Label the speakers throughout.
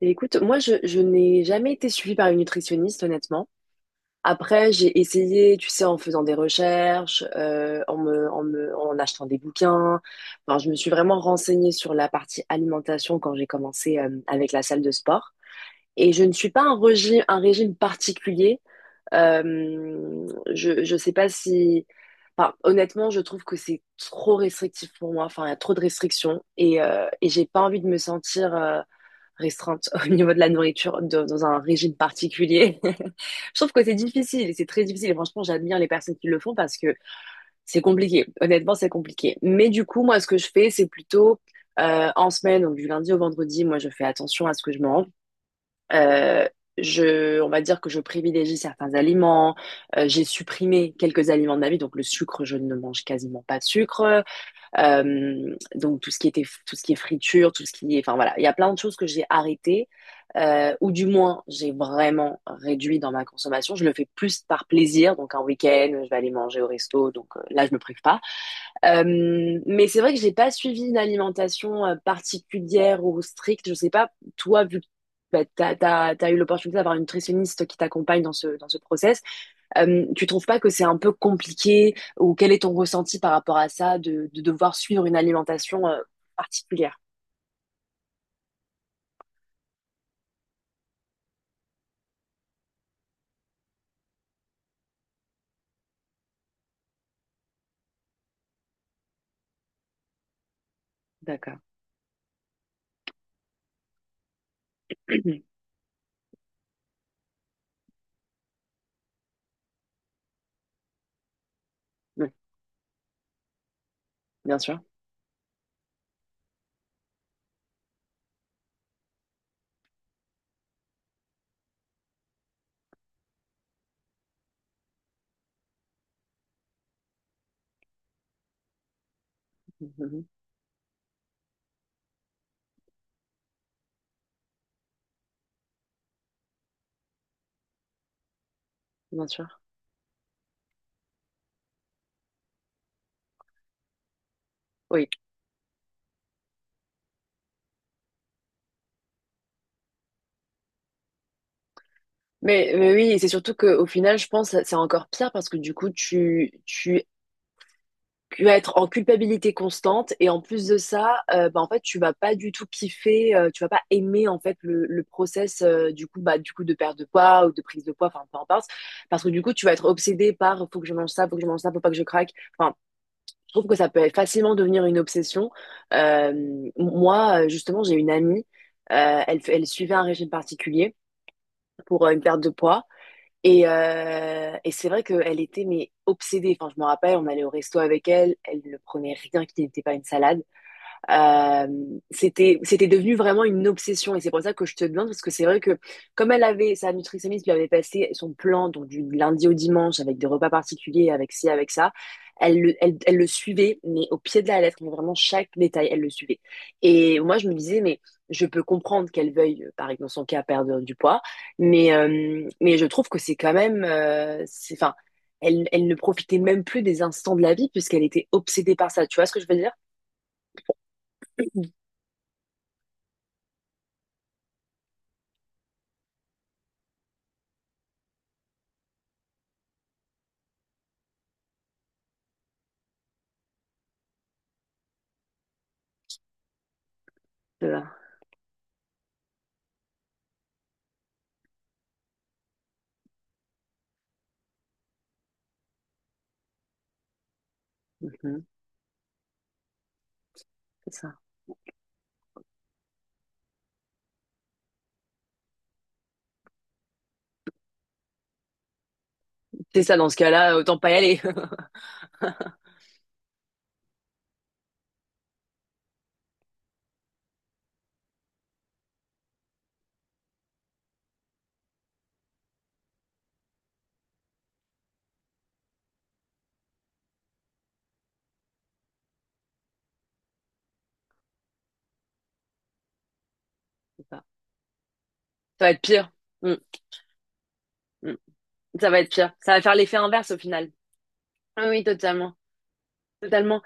Speaker 1: Et écoute, moi, je n'ai jamais été suivie par une nutritionniste, honnêtement. Après, j'ai essayé, tu sais, en faisant des recherches, en achetant des bouquins. Enfin, je me suis vraiment renseignée sur la partie alimentation quand j'ai commencé, avec la salle de sport. Et je ne suis pas un régime particulier. Euh, je sais pas si, enfin, honnêtement, je trouve que c'est trop restrictif pour moi. Enfin, il y a trop de restrictions et j'ai pas envie de me sentir restreinte au niveau de la nourriture dans un régime particulier. Je trouve que c'est difficile, c'est très difficile. Et franchement, j'admire les personnes qui le font parce que c'est compliqué. Honnêtement, c'est compliqué. Mais du coup, moi, ce que je fais, c'est plutôt en semaine, donc du lundi au vendredi, moi, je fais attention à ce que je mange. Euh, on va dire que je privilégie certains aliments. J'ai supprimé quelques aliments de ma vie, donc le sucre, je ne mange quasiment pas de sucre. Donc tout ce qui est friture, tout ce qui est, enfin voilà, il y a plein de choses que j'ai arrêtées ou du moins j'ai vraiment réduit dans ma consommation. Je le fais plus par plaisir, donc un week-end, je vais aller manger au resto, donc là je me prive pas. Mais c'est vrai que j'ai pas suivi une alimentation particulière ou stricte. Je sais pas toi vu que bah, t'as eu l'opportunité d'avoir une nutritionniste qui t'accompagne dans ce process. Tu trouves pas que c'est un peu compliqué ou quel est ton ressenti par rapport à ça de devoir suivre une alimentation particulière? D'accord. Oui, bien sûr. Mhm. Mhm. Bien sûr. Oui. Mais oui, et c'est surtout qu'au final, je pense que c'est encore pire parce que du coup, tu vas être en culpabilité constante et en plus de ça, bah, en fait, tu vas pas du tout kiffer, tu vas pas aimer en fait le process du coup de perte de poids ou de prise de poids, enfin peu importe, parce que du coup tu vas être obsédé par faut que je mange ça, faut que je mange ça, faut pas que je craque. Enfin, je trouve que ça peut facilement devenir une obsession. Euh, Moi, justement, j'ai une amie, elle suivait un régime particulier pour une perte de poids. Et c'est vrai qu'elle était mais obsédée. Enfin, je me rappelle, on allait au resto avec elle, elle ne prenait rien qui n'était pas une salade. Euh, C'était devenu vraiment une obsession et c'est pour ça que je te demande parce que c'est vrai que comme elle avait sa nutritionniste lui avait passé son plan donc du lundi au dimanche avec des repas particuliers avec ci avec ça, elle le suivait mais au pied de la lettre mais vraiment chaque détail elle le suivait et moi je me disais mais je peux comprendre qu'elle veuille par exemple dans son cas perdre du poids mais je trouve que c'est quand même c'est enfin elle ne profitait même plus des instants de la vie puisqu'elle était obsédée par ça tu vois ce que je veux dire? Mhm. C'est ça. C'est ça, dans ce cas-là, autant pas y aller. C'est ça. Ça va être pire. Mm, mm. Ça va être pire. Ça va faire l'effet inverse au final. Ah oui, totalement. Totalement.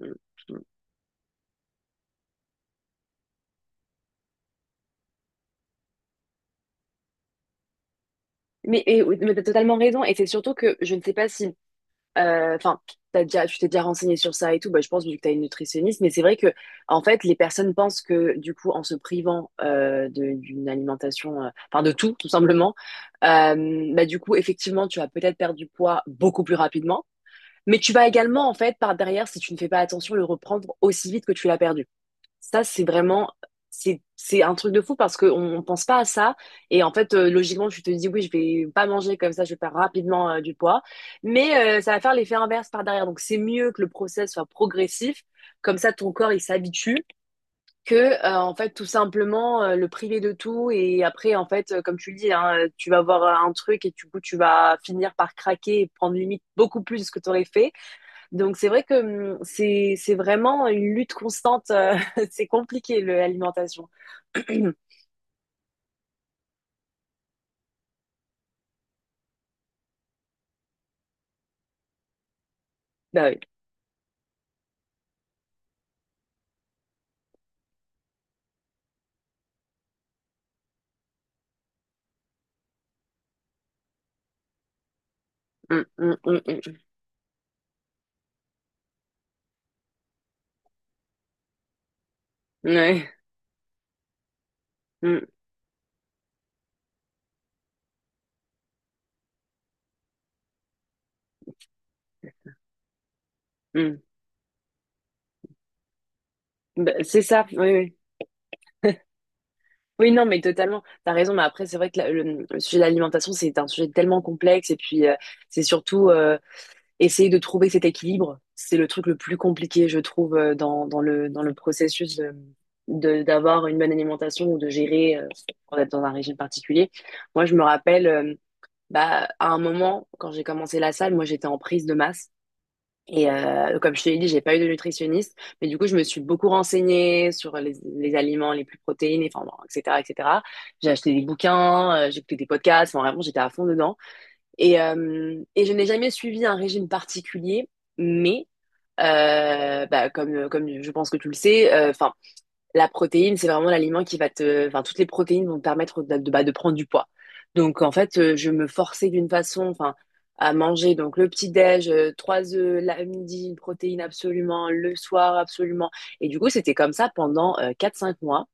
Speaker 1: Mm, mm. Mais, oui, mais t'as totalement raison. Et c'est surtout que je ne sais pas si, enfin, tu t'es déjà renseigné sur ça et tout. Bah, je pense vu que tu as une nutritionniste, mais c'est vrai que en fait, les personnes pensent que du coup, en se privant d'une alimentation, enfin de tout, tout simplement, bah du coup, effectivement, tu vas peut-être perdre du poids beaucoup plus rapidement, mais tu vas également en fait par derrière, si tu ne fais pas attention, le reprendre aussi vite que tu l'as perdu. Ça, c'est un truc de fou parce qu'on ne pense pas à ça. Et en fait, logiquement, tu te dis, oui, je vais pas manger comme ça, je vais perdre rapidement du poids. Mais ça va faire l'effet inverse par derrière. Donc, c'est mieux que le process soit progressif. Comme ça, ton corps, il s'habitue que, en fait, tout simplement, le priver de tout. Et après, en fait, comme tu le dis, hein, tu vas avoir un truc et du coup, tu vas finir par craquer et prendre limite beaucoup plus de ce que tu aurais fait. Donc c'est vrai que c'est vraiment une lutte constante. C'est compliqué le l'alimentation. Bah oui. Hum. Ouais. Hum, hum. Bah, c'est ça. Oui, oui. Oui, non, mais totalement. T'as raison. Mais après, c'est vrai que le sujet de l'alimentation, c'est un sujet tellement complexe. Et puis, c'est surtout essayer de trouver cet équilibre. C'est le truc le plus compliqué, je trouve, dans le processus d'avoir une bonne alimentation ou de gérer, quand on est dans un régime particulier. Moi, je me rappelle. Bah, à un moment, quand j'ai commencé la salle, moi, j'étais en prise de masse. Et comme je te l'ai dit, j'ai pas eu de nutritionniste. Mais du coup, je me suis beaucoup renseignée sur les aliments les plus protéinés, enfin, bon, etc., etc. J'ai acheté des bouquins, j'ai écouté des podcasts. Enfin, vraiment, j'étais à fond dedans. Et je n'ai jamais suivi un régime particulier. Mais, bah, comme je pense que tu le sais, enfin, la protéine, c'est vraiment l'aliment qui va te — enfin, toutes les protéines vont te permettre bah, de prendre du poids. Donc, en fait, je me forçais d'une façon, enfin, à manger donc le petit-déj, trois œufs, la midi, une protéine absolument, le soir absolument. Et du coup, c'était comme ça pendant 4-5 mois.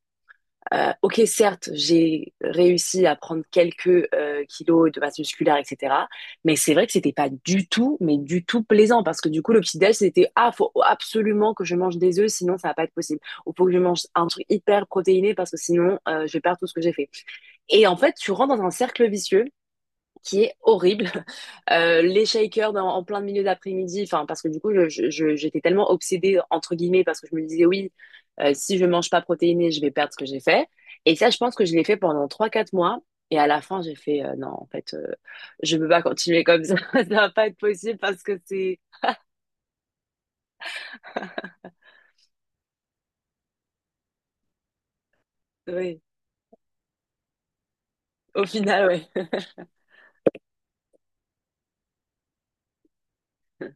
Speaker 1: Ok, certes, j'ai réussi à prendre quelques kilos de masse musculaire, etc. Mais c'est vrai que c'était pas du tout, mais du tout plaisant parce que du coup, le petit déj, c'était ah, faut absolument que je mange des œufs, sinon ça va pas être possible. Ou faut que je mange un truc hyper protéiné parce que sinon je vais perdre tout ce que j'ai fait. Et en fait, tu rentres dans un cercle vicieux qui est horrible. Les shakers en plein milieu d'après-midi, enfin parce que du coup j'étais tellement obsédée entre guillemets parce que je me disais oui, si je mange pas protéiné, je vais perdre ce que j'ai fait. Et ça, je pense que je l'ai fait pendant 3-4 mois. Et à la fin, j'ai fait non, en fait, je peux pas continuer comme ça. Ça va pas être possible parce que c'est, oui, au final, oui.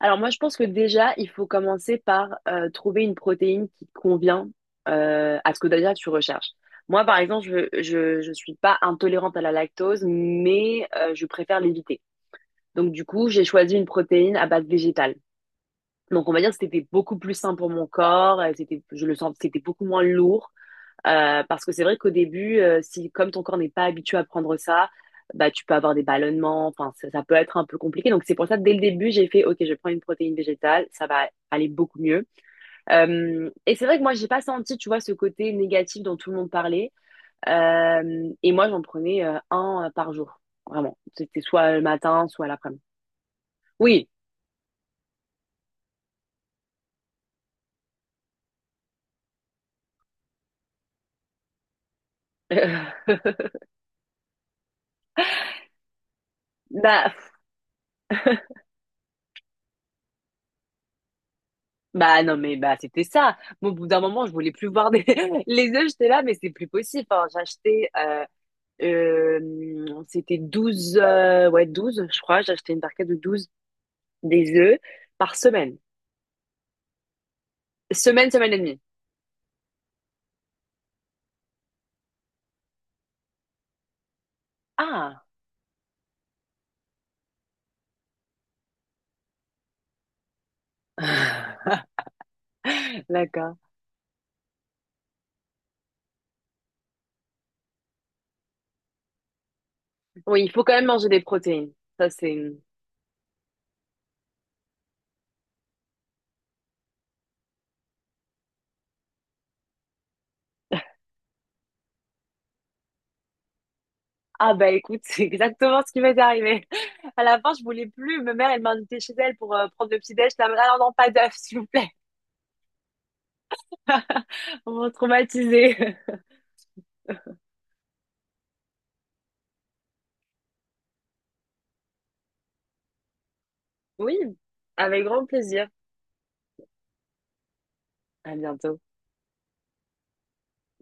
Speaker 1: Alors moi, je pense que déjà, il faut commencer par trouver une protéine qui convient à ce que déjà tu recherches. Moi, par exemple, je suis pas intolérante à la lactose, mais je préfère l'éviter. Donc du coup, j'ai choisi une protéine à base végétale. Donc on va dire que c'était beaucoup plus sain pour mon corps, je le sens, c'était beaucoup moins lourd. Parce que c'est vrai qu'au début, si comme ton corps n'est pas habitué à prendre ça, bah tu peux avoir des ballonnements, enfin ça peut être un peu compliqué. Donc c'est pour ça que dès le début, j'ai fait OK, je prends une protéine végétale, ça va aller beaucoup mieux. Et c'est vrai que moi j'ai pas senti, tu vois, ce côté négatif dont tout le monde parlait. Et moi j'en prenais un par jour, vraiment. C'était soit le matin, soit l'après-midi. Oui. Bah, bah non mais bah c'était ça. Moi, au bout d'un moment, je voulais plus voir des les œufs, j'étais là, mais c'est plus possible. Enfin, j'achetais c'était 12 ouais, 12 je crois. J'ai acheté une barquette de 12 des œufs par semaine. Semaine, semaine et demie. Ah, d'accord. Oui, il faut quand même manger des protéines. Ça, c'est — Ah bah écoute, c'est exactement ce qui m'est arrivé. À la fin, je voulais plus. Ma mère, elle m'a invitée chez elle pour prendre le petit déj. Elle m'a dit, « Ah non, non, pas d'œufs, s'il vous plaît. » On m'a traumatisée. Oui, avec grand plaisir. À bientôt.